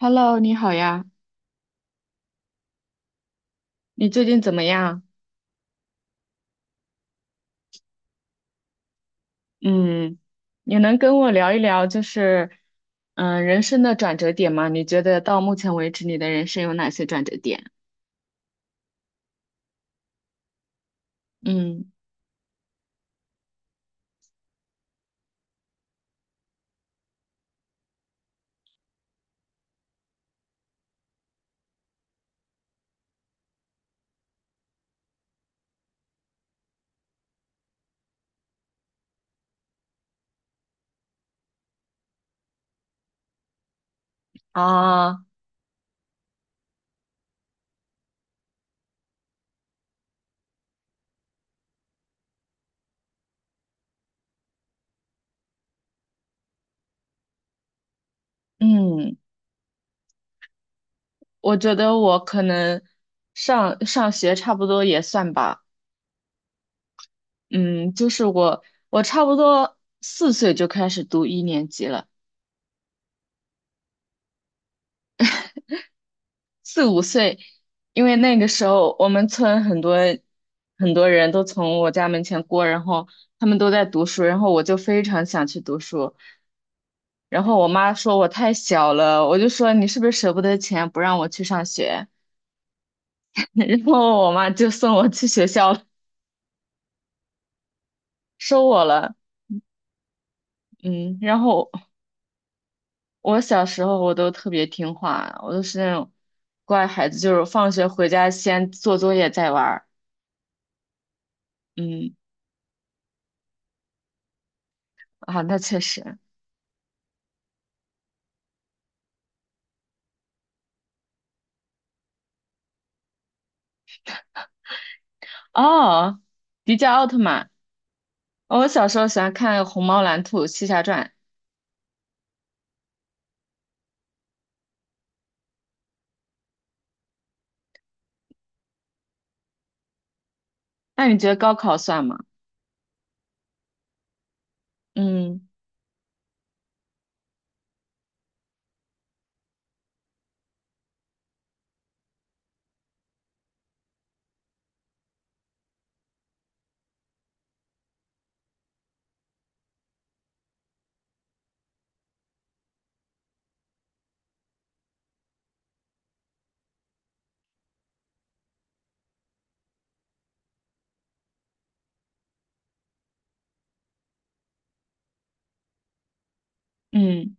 Hello，你好呀，你最近怎么样？嗯，你能跟我聊一聊，就是，人生的转折点吗？你觉得到目前为止，你的人生有哪些转折点？嗯啊，嗯，我觉得我可能上学差不多也算吧，嗯，就是我差不多4岁就开始读一年级了。四五岁，因为那个时候我们村很多很多人都从我家门前过，然后他们都在读书，然后我就非常想去读书，然后我妈说我太小了，我就说你是不是舍不得钱不让我去上学，然后我妈就送我去学校了，收我了。嗯，然后我小时候我都特别听话，我都是那种乖孩子，就是放学回家先做作业再玩儿。嗯。啊，那确实。哦，迪迦奥特曼。哦，我小时候喜欢看《虹猫蓝兔七侠传》。那你觉得高考算吗？嗯嗯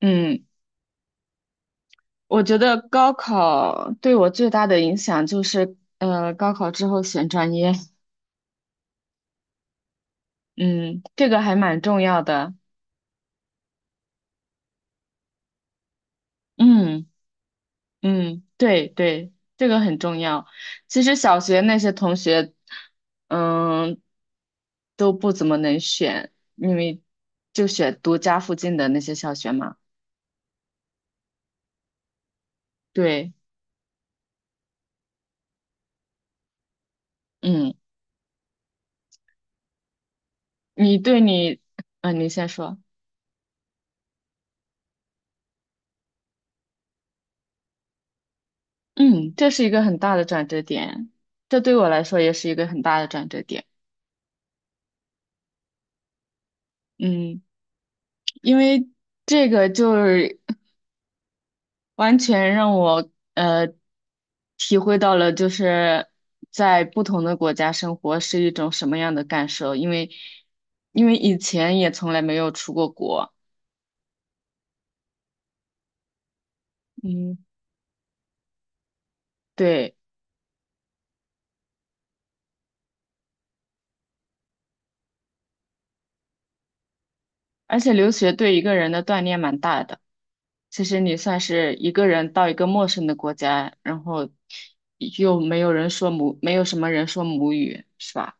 嗯，我觉得高考对我最大的影响就是，高考之后选专业。嗯，这个还蛮重要的。嗯嗯，对对，这个很重要。其实小学那些同学，嗯，都不怎么能选，因为就选读家附近的那些小学嘛。对。嗯，你对你，你先说。嗯，这是一个很大的转折点，这对我来说也是一个很大的转折点。嗯，因为这个就是完全让我体会到了，就是在不同的国家生活是一种什么样的感受。因为以前也从来没有出过国。嗯，对，而且留学对一个人的锻炼蛮大的。其实你算是一个人到一个陌生的国家，然后又没有人说母，没有什么人说母语，是吧？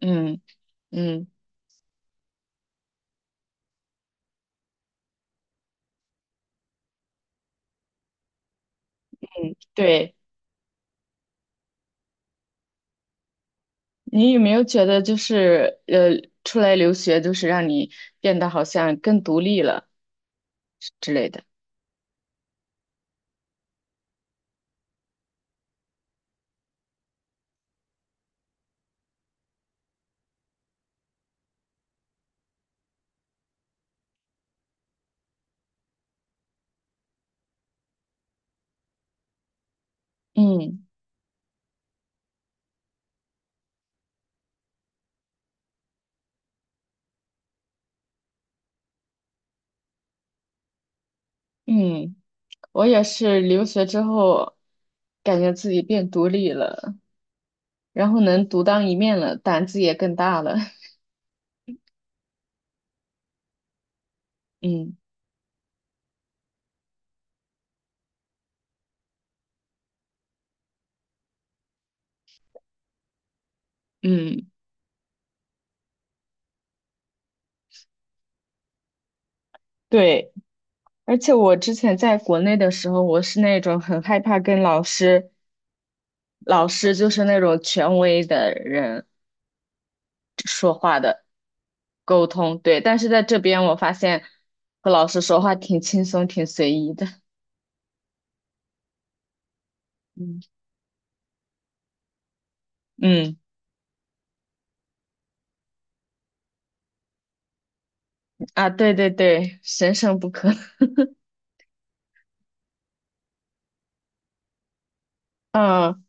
嗯嗯嗯，对。你有没有觉得就是出来留学就是让你变得好像更独立了之类的？嗯嗯，我也是留学之后，感觉自己变独立了，然后能独当一面了，胆子也更大了。嗯嗯，对。而且我之前在国内的时候，我是那种很害怕跟老师，老师就是那种权威的人说话的沟通，对。但是在这边，我发现和老师说话挺轻松、挺随意的。嗯，嗯，啊，对对对，神圣不可。嗯，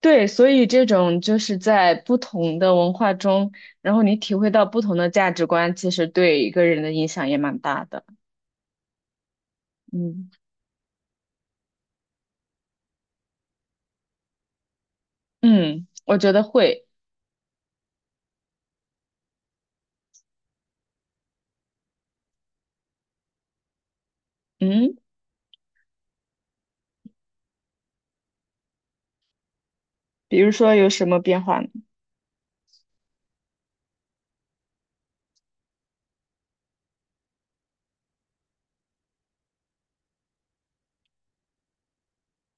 对，所以这种就是在不同的文化中，然后你体会到不同的价值观，其实对一个人的影响也蛮大的。嗯，嗯，我觉得会。嗯。比如说有什么变化呢？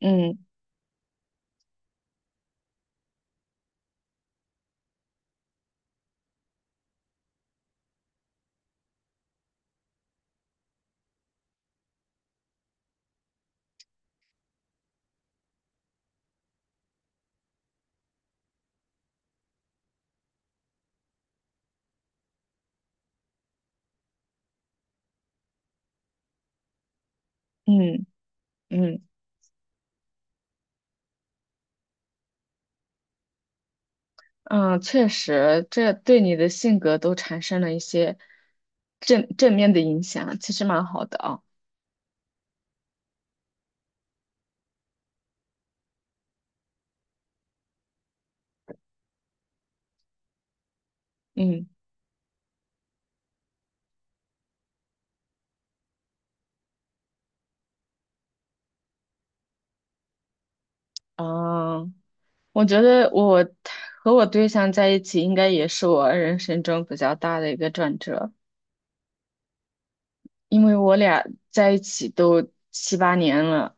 嗯嗯嗯嗯，确实，这对你的性格都产生了一些正面的影响，其实蛮好的啊。嗯啊，我觉得我和我对象在一起，应该也是我人生中比较大的一个转折，因为我俩在一起都七八年了。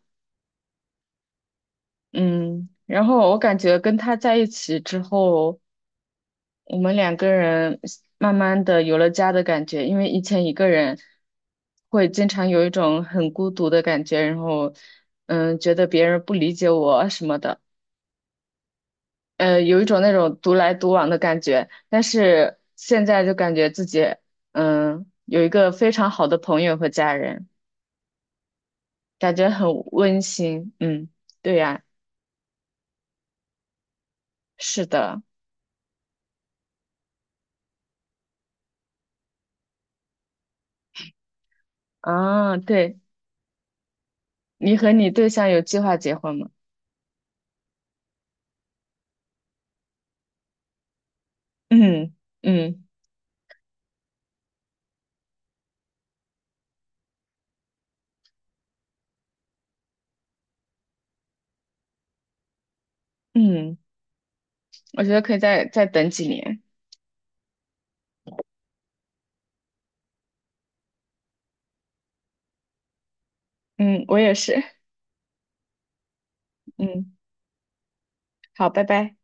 嗯，然后我感觉跟他在一起之后。我们两个人慢慢的有了家的感觉，因为以前一个人会经常有一种很孤独的感觉，然后觉得别人不理解我啊什么的，有一种那种独来独往的感觉。但是现在就感觉自己有一个非常好的朋友和家人，感觉很温馨。嗯，对呀，是的，啊，对，你和你对象有计划结婚吗？嗯嗯嗯。我觉得可以再等几年。嗯，我也是。嗯，好，拜拜。